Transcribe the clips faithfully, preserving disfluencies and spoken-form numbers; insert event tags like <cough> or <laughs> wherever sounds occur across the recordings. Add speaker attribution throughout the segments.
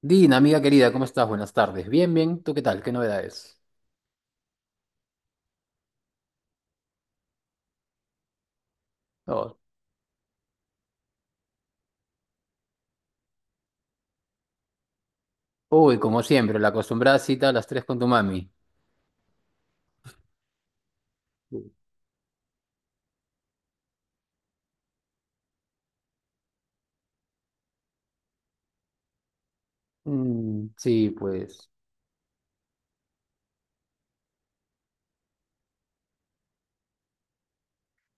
Speaker 1: Dina, amiga querida, ¿cómo estás? Buenas tardes. Bien, bien. ¿Tú qué tal? ¿Qué novedades? Oh. Uy, como siempre, la acostumbrada cita a las tres con tu mami. Mm, sí, pues.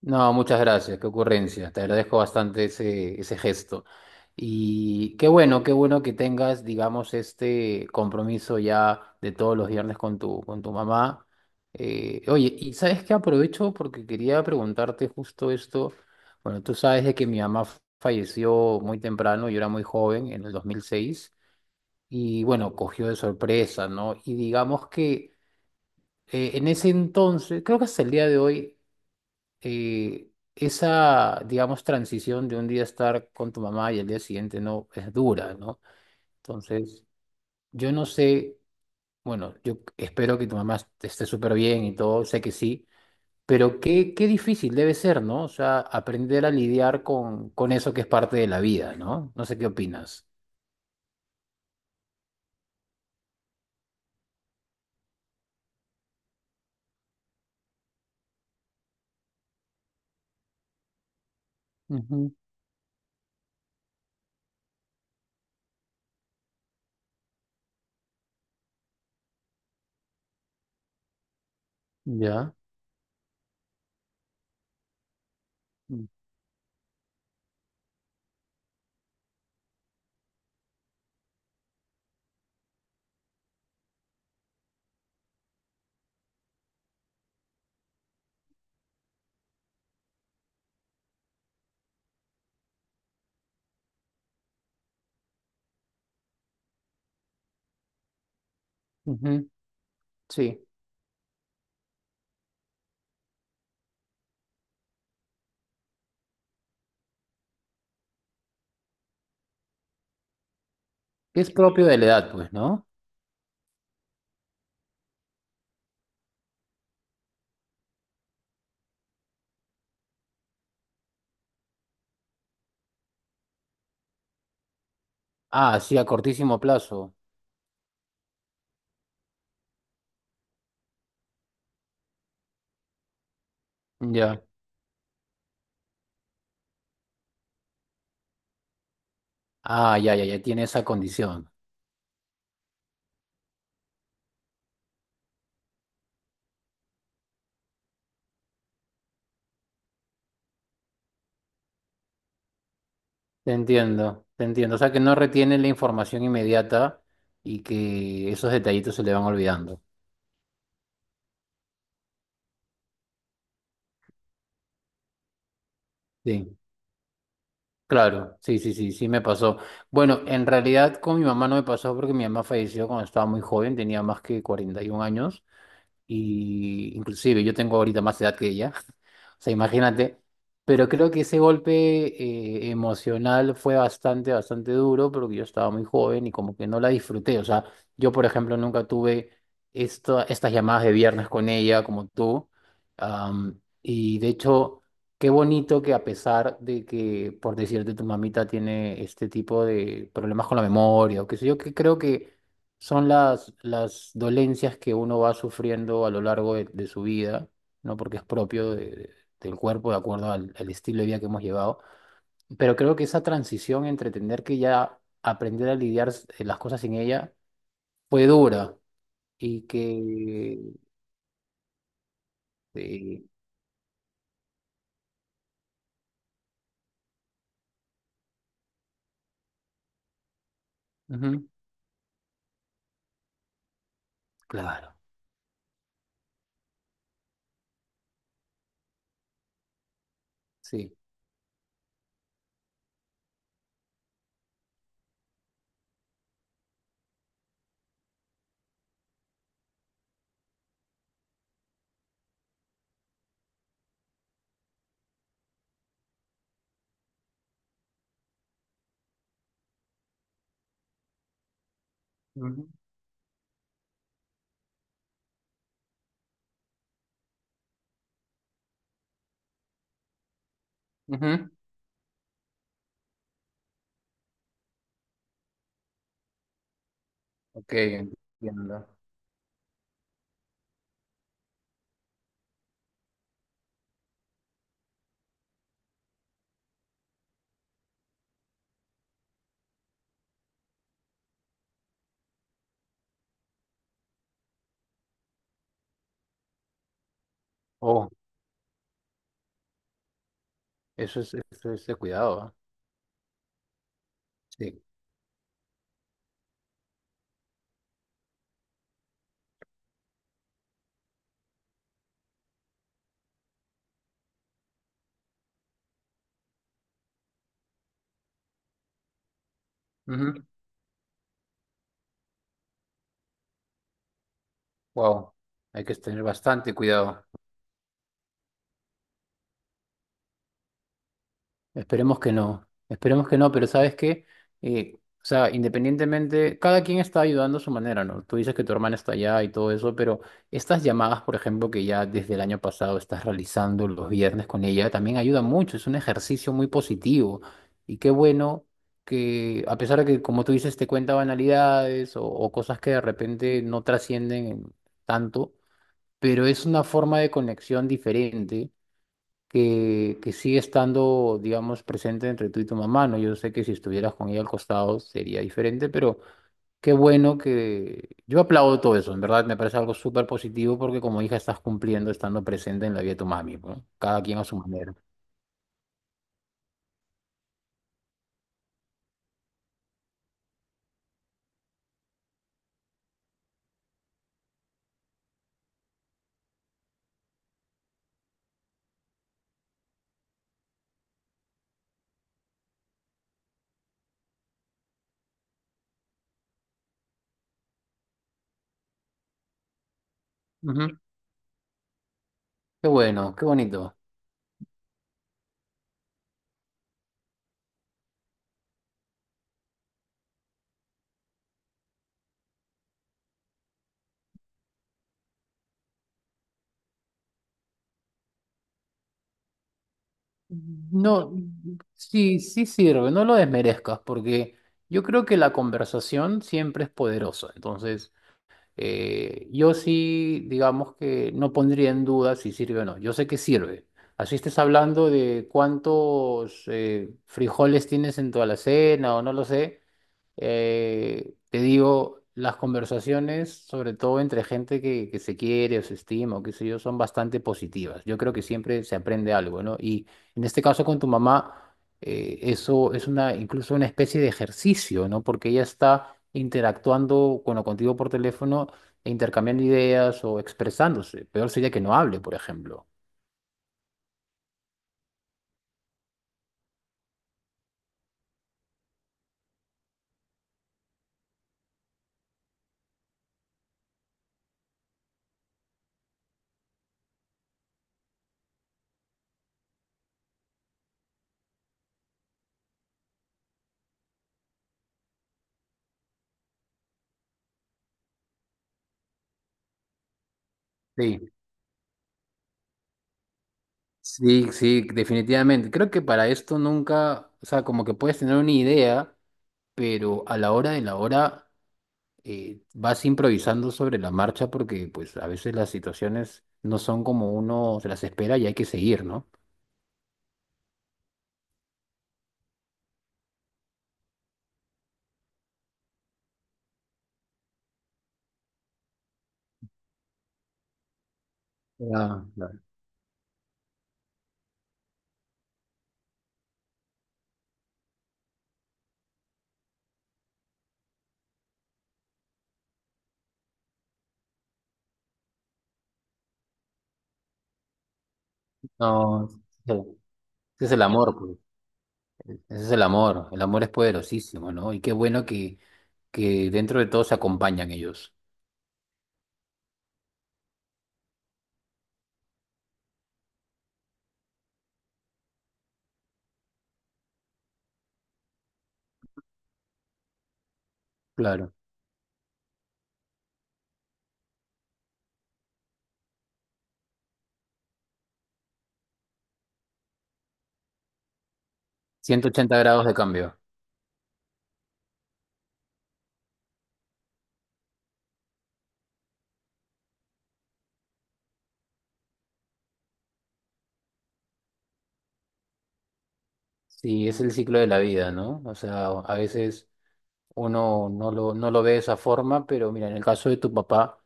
Speaker 1: No, muchas gracias, qué ocurrencia. Te agradezco bastante ese, ese gesto. Y qué bueno, qué bueno que tengas, digamos, este compromiso ya de todos los viernes con tu, con tu mamá. Eh, oye, y sabes que aprovecho porque quería preguntarte justo esto. Bueno, tú sabes de que mi mamá f- falleció muy temprano, yo era muy joven, en el dos mil seis, y bueno, cogió de sorpresa, ¿no? Y digamos que eh, en ese entonces, creo que hasta el día de hoy eh, esa, digamos, transición de un día estar con tu mamá y el día siguiente no es dura, ¿no? Entonces, yo no sé, bueno, yo espero que tu mamá est- esté súper bien y todo, sé que sí, pero qué, qué difícil debe ser, ¿no? O sea, aprender a lidiar con, con eso que es parte de la vida, ¿no? No sé qué opinas. Ujú. Ya. Mm, ujú. Sí. Es propio de la edad, pues, ¿no? Ah, sí, a cortísimo plazo. Ya. Ah, ya, ya, ya tiene esa condición. Te entiendo, te entiendo. O sea, que no retiene la información inmediata y que esos detallitos se le van olvidando. Sí, claro, sí, sí, sí, sí me pasó. Bueno, en realidad con mi mamá no me pasó porque mi mamá falleció cuando estaba muy joven, tenía más que cuarenta y un años, y inclusive yo tengo ahorita más edad que ella, <laughs> o sea, imagínate, pero creo que ese golpe eh, emocional fue bastante, bastante duro, porque yo estaba muy joven y como que no la disfruté. O sea, yo por ejemplo nunca tuve esta- estas llamadas de viernes con ella como tú. Am, y de hecho, qué bonito que, a pesar de que, por decirte, tu mamita tiene este tipo de problemas con la memoria o qué sé yo, que creo que son las, las dolencias que uno va sufriendo a lo largo de, de su vida, ¿no? Porque es propio de- de- del cuerpo de acuerdo al, al estilo de vida que hemos llevado. Pero creo que esa transición entre entender que ya aprender a lidiar s- eh, las cosas sin ella fue dura y que... eh, ujú, claro, sí. Ujú, ujú. Ok, entiendo. Oh, eso es, eso es de cuidado, ¿ah? Sí. Wow, hay que tener bastante cuidado. Esperemos que no, esperemos que no, pero ¿sabes qué? Eh, o sea, independientemente, cada quien está ayudando a su manera, ¿no? Tú dices que tu hermana está allá y todo eso, pero estas llamadas, por ejemplo, que ya desde el año pasado estás realizando los viernes con ella, también ayuda mucho, es un ejercicio muy positivo. Y qué bueno que, a pesar de que, como tú dices, te cuenta banalidades o, o cosas que de repente no trascienden tanto, pero es una forma de conexión diferente que, que sigue estando, digamos, presente entre tú y tu mamá, ¿no? Yo sé que si estuvieras con ella al costado sería diferente, pero qué bueno que... Yo aplaudo todo eso, en verdad me parece algo súper positivo porque como hija estás cumpliendo estando presente en la vida de tu mami, ¿no? Cada quien a su manera. Ujú. Qué bueno, qué bonito. No, sí, sí sirve, no lo desmerezcas porque yo creo que la conversación siempre es poderosa, entonces... Eh, yo sí, digamos que no pondría en duda si sirve o no. Yo sé que sirve. Así estés hablando de cuántos eh, frijoles tienes en tu alacena o no lo sé. Eh, te digo, las conversaciones, sobre todo entre gente que, que se quiere o se estima o qué sé yo, son bastante positivas. Yo creo que siempre se aprende algo, ¿no? Y en este caso con tu mamá, eh, eso es una, incluso una especie de ejercicio, ¿no? Porque ella está interactuando, bueno, contigo por teléfono e intercambiando ideas o expresándose. Peor sería que no hable, por ejemplo. Sí, sí, sí, definitivamente. Creo que para esto nunca, o sea, como que puedes tener una idea, pero a la hora de la hora eh, vas improvisando sobre la marcha porque pues a veces las situaciones no son como uno se las espera y hay que seguir, ¿no? Ah, claro. No, sí, ese es el amor, pues. Ese es el amor. El amor es poderosísimo, ¿no? Y qué bueno que, que dentro de todo se acompañan ellos. Claro. Ciento ochenta grados de cambio. Sí, es el ciclo de la vida, ¿no? O sea, a veces uno no lo, no lo ve de esa forma, pero mira, en el caso de tu papá,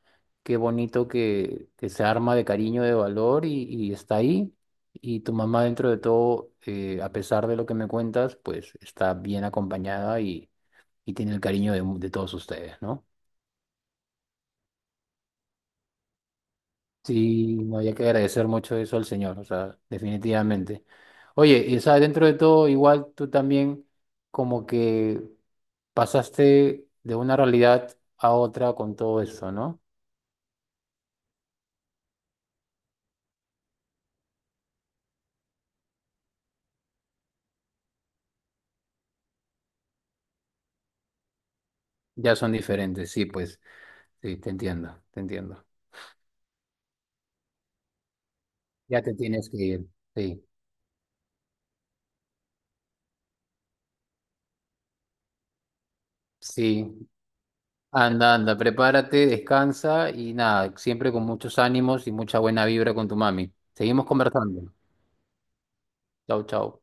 Speaker 1: qué bonito que, que se arma de cariño, de valor y, y está ahí. Y tu mamá, dentro de todo, eh, a pesar de lo que me cuentas, pues está bien acompañada, y, y tiene el cariño de, mu- de todos ustedes, ¿no? Sí, no había que agradecer mucho eso al Señor, o sea, definitivamente. Oye, y o sea, dentro de todo, igual tú también como que pasaste de una realidad a otra con todo eso, ¿no? Ya son diferentes, sí, pues, sí, te entiendo, te entiendo. Ya te tienes que ir, sí, sí. Anda, anda, prepárate, descansa y nada, siempre con muchos ánimos y mucha buena vibra con tu mami. Seguimos conversando. Chau, chau.